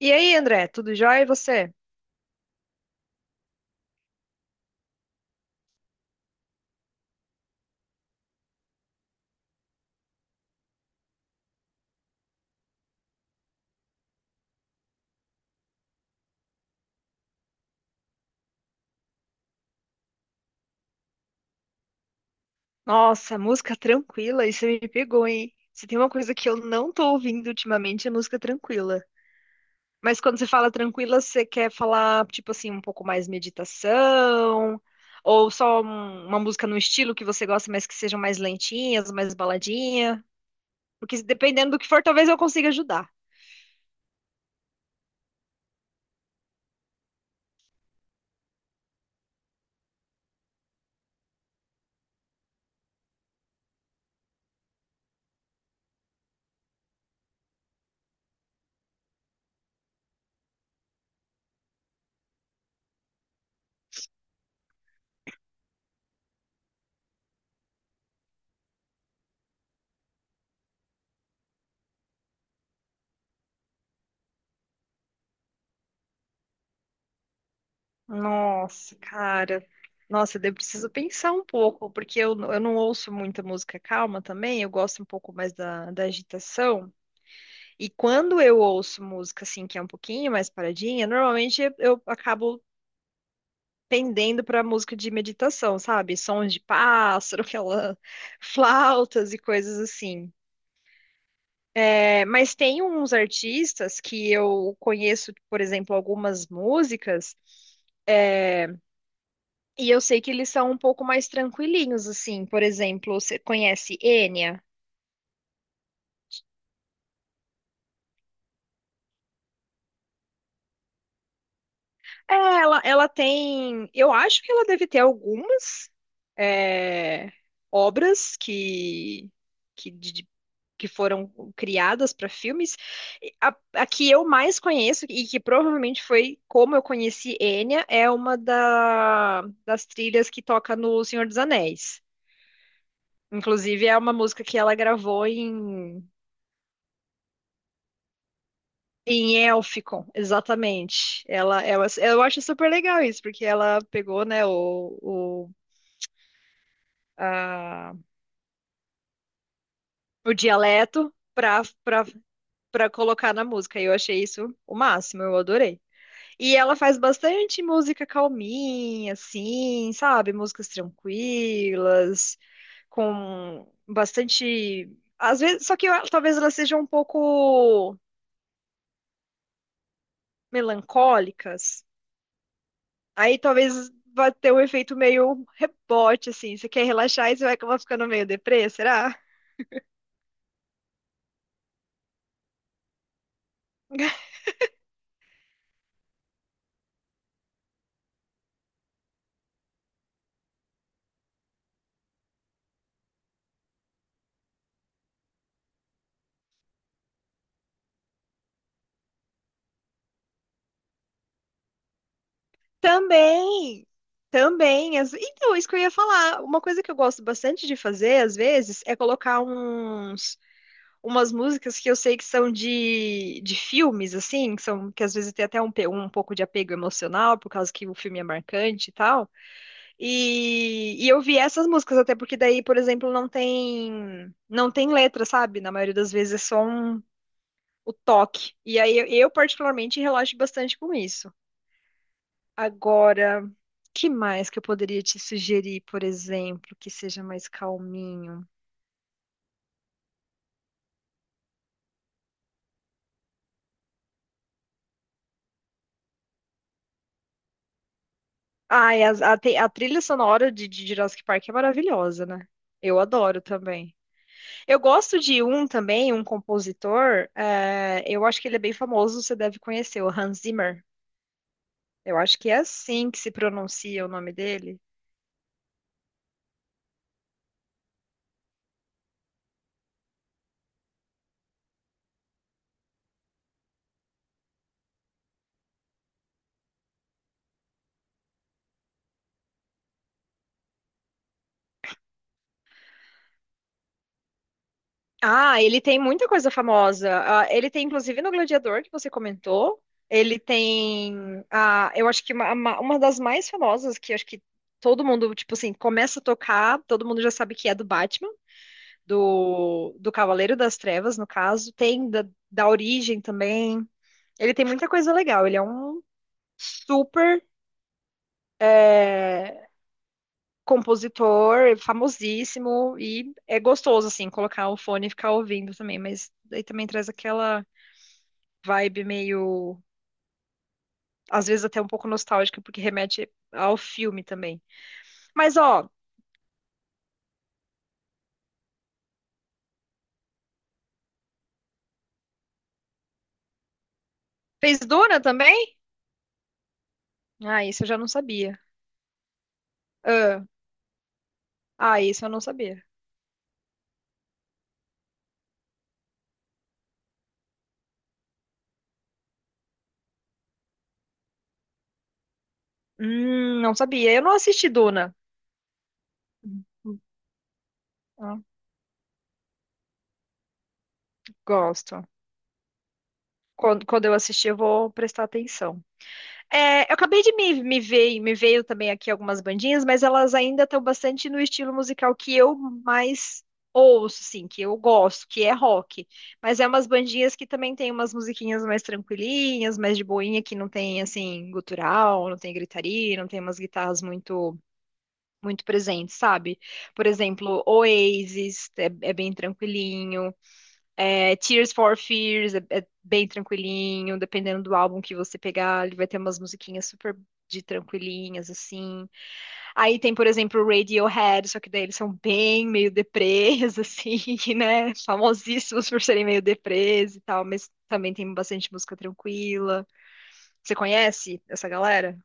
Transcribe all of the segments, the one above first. E aí, André, tudo jóia? E você? Nossa, música tranquila, isso me pegou, hein? Se tem uma coisa que eu não tô ouvindo ultimamente é música tranquila. Mas quando você fala tranquila, você quer falar, tipo assim, um pouco mais meditação? Ou só uma música no estilo que você gosta, mas que sejam mais lentinhas, mais baladinha? Porque dependendo do que for, talvez eu consiga ajudar. Nossa, cara. Nossa, eu preciso pensar um pouco, porque eu não ouço muita música calma também, eu gosto um pouco mais da agitação. E quando eu ouço música assim que é um pouquinho mais paradinha, normalmente eu acabo pendendo para música de meditação, sabe? Sons de pássaro, aquela flautas e coisas assim. É, mas tem uns artistas que eu conheço, por exemplo, algumas músicas, é, e eu sei que eles são um pouco mais tranquilinhos, assim. Por exemplo, você conhece Enya? É, ela tem. Eu acho que ela deve ter algumas é, obras que, de- que foram criadas para filmes. E a que eu mais conheço, e que provavelmente foi como eu conheci Enya, é uma das trilhas que toca no Senhor dos Anéis. Inclusive, é uma música que ela gravou em, em Elficon, exatamente. Eu acho super legal isso, porque ela pegou, né, ah, o dialeto pra colocar na música. E eu achei isso o máximo, eu adorei. E ela faz bastante música calminha, assim, sabe? Músicas tranquilas, com bastante. Às vezes, talvez elas sejam um pouco melancólicas. Aí talvez vai ter um efeito meio rebote, assim. Você quer relaxar e você vai acabar ficando meio deprê, será? Também, também. Então, isso que eu ia falar. Uma coisa que eu gosto bastante de fazer, às vezes, é colocar uns, umas músicas que eu sei que são de filmes, assim, que são, que às vezes tem até um pouco de apego emocional, por causa que o filme é marcante e tal. E eu vi essas músicas, até porque daí, por exemplo, não tem letra, sabe? Na maioria das vezes é só um, o toque. E aí, eu particularmente, relaxo bastante com isso. Agora, que mais que eu poderia te sugerir, por exemplo, que seja mais calminho? Ai, a trilha sonora de Jurassic Park é maravilhosa, né? Eu adoro também. Eu gosto de um também, um compositor, eu acho que ele é bem famoso, você deve conhecer, o Hans Zimmer. Eu acho que é assim que se pronuncia o nome dele. Ah, ele tem muita coisa famosa. Ah, ele tem, inclusive, no Gladiador, que você comentou. Ele tem, eu acho que uma das mais famosas, que acho que todo mundo, tipo assim, começa a tocar, todo mundo já sabe que é do Batman, do Cavaleiro das Trevas, no caso. Tem da, da Origem também. Ele tem muita coisa legal. Ele é um super, eh, compositor, famosíssimo, e é gostoso, assim, colocar o fone e ficar ouvindo também, mas daí também traz aquela vibe meio, às vezes até um pouco nostálgica, porque remete ao filme também. Mas ó, fez Duna também? Ah, isso eu já não sabia. Ah, ah, isso eu não sabia. Não sabia. Eu não assisti Duna. Hum, hum, ah, gosto. Quando, quando eu assistir, eu vou prestar atenção. É, eu acabei de me veio também aqui algumas bandinhas, mas elas ainda estão bastante no estilo musical que eu mais ouço, assim, que eu gosto, que é rock. Mas é umas bandinhas que também tem umas musiquinhas mais tranquilinhas, mais de boinha, que não tem, assim, gutural, não tem gritaria, não tem umas guitarras muito presentes, sabe? Por exemplo, Oasis é bem tranquilinho. É, Tears for Fears é bem tranquilinho, dependendo do álbum que você pegar, ele vai ter umas musiquinhas super de tranquilinhas, assim. Aí tem, por exemplo, o Radiohead, só que daí eles são bem meio deprês, assim, né? Famosíssimos por serem meio deprês e tal, mas também tem bastante música tranquila. Você conhece essa galera?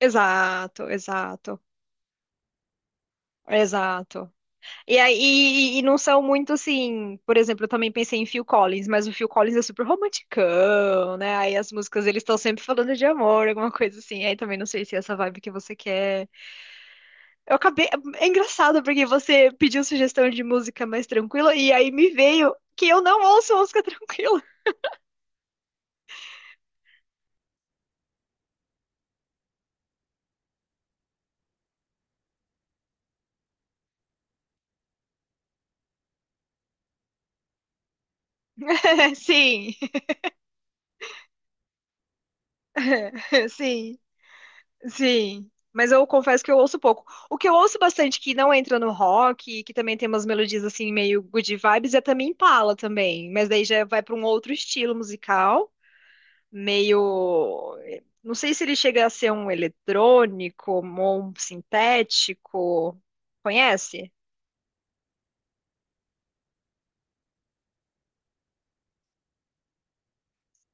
Exato, exato, exato. E não são muito assim, por exemplo, eu também pensei em Phil Collins, mas o Phil Collins é super romanticão, né? Aí as músicas eles estão sempre falando de amor, alguma coisa assim. Aí também não sei se é essa vibe que você quer. Eu acabei. É engraçado porque você pediu sugestão de música mais tranquila e aí me veio que eu não ouço música tranquila. Sim, sim. Sim, mas eu confesso que eu ouço pouco. O que eu ouço bastante que não entra no rock, que também tem umas melodias assim meio good vibes, é também Impala também, mas daí já vai para um outro estilo musical, meio não sei se ele chega a ser um eletrônico ou um sintético. Conhece?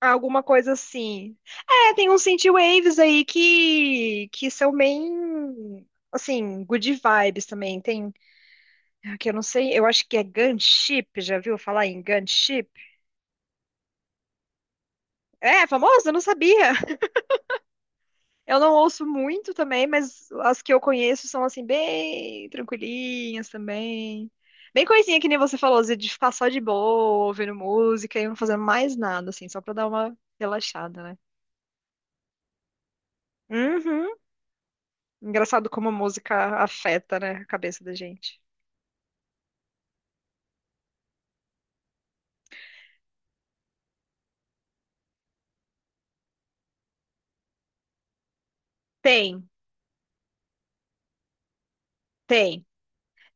Alguma coisa assim. É, tem uns synthwaves aí que são bem assim, good vibes também. Tem que eu não sei, eu acho que é gunship, já viu falar em gunship? É, famoso? Eu não sabia. Eu não ouço muito também, mas as que eu conheço são assim, bem tranquilinhas também. Bem coisinha que nem você falou, assim, de ficar só de boa, ouvindo música e não fazendo mais nada, assim, só pra dar uma relaxada, né? Uhum. Engraçado como a música afeta, né, a cabeça da gente. Tem, tem.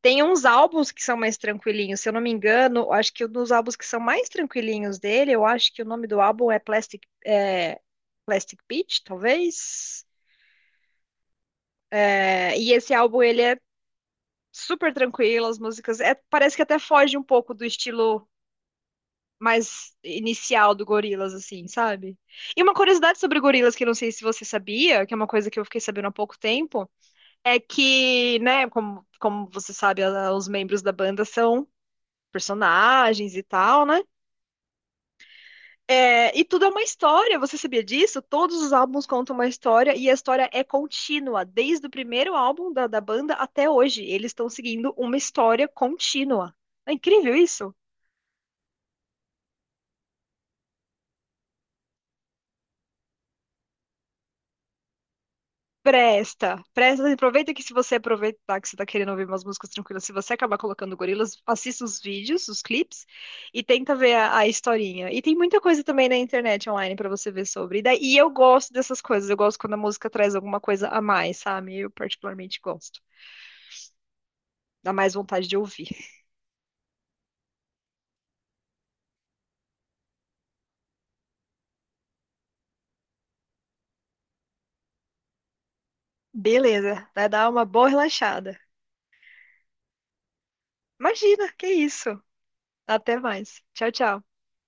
Tem uns álbuns que são mais tranquilinhos, se eu não me engano, acho que um dos álbuns que são mais tranquilinhos dele, eu acho que o nome do álbum é, Plastic Beach, talvez. É, e esse álbum ele é super tranquilo, as músicas é, parece que até foge um pouco do estilo mais inicial do Gorillaz, assim, sabe? E uma curiosidade sobre o Gorillaz que eu não sei se você sabia, que é uma coisa que eu fiquei sabendo há pouco tempo, é que, né, como você sabe, os membros da banda são personagens e tal, né? É, e tudo é uma história, você sabia disso? Todos os álbuns contam uma história e a história é contínua, desde o primeiro álbum da banda até hoje. Eles estão seguindo uma história contínua. É incrível isso? Presta, aproveita que se você aproveitar que você tá querendo ouvir umas músicas tranquilas, se você acabar colocando gorilas, assista os vídeos, os clipes e tenta ver a historinha. E tem muita coisa também na internet online pra você ver sobre. E daí e eu gosto dessas coisas, eu gosto quando a música traz alguma coisa a mais, sabe? Eu particularmente gosto. Dá mais vontade de ouvir. Beleza, vai dar uma boa relaxada. Imagina, que isso. Até mais. Tchau, tchau.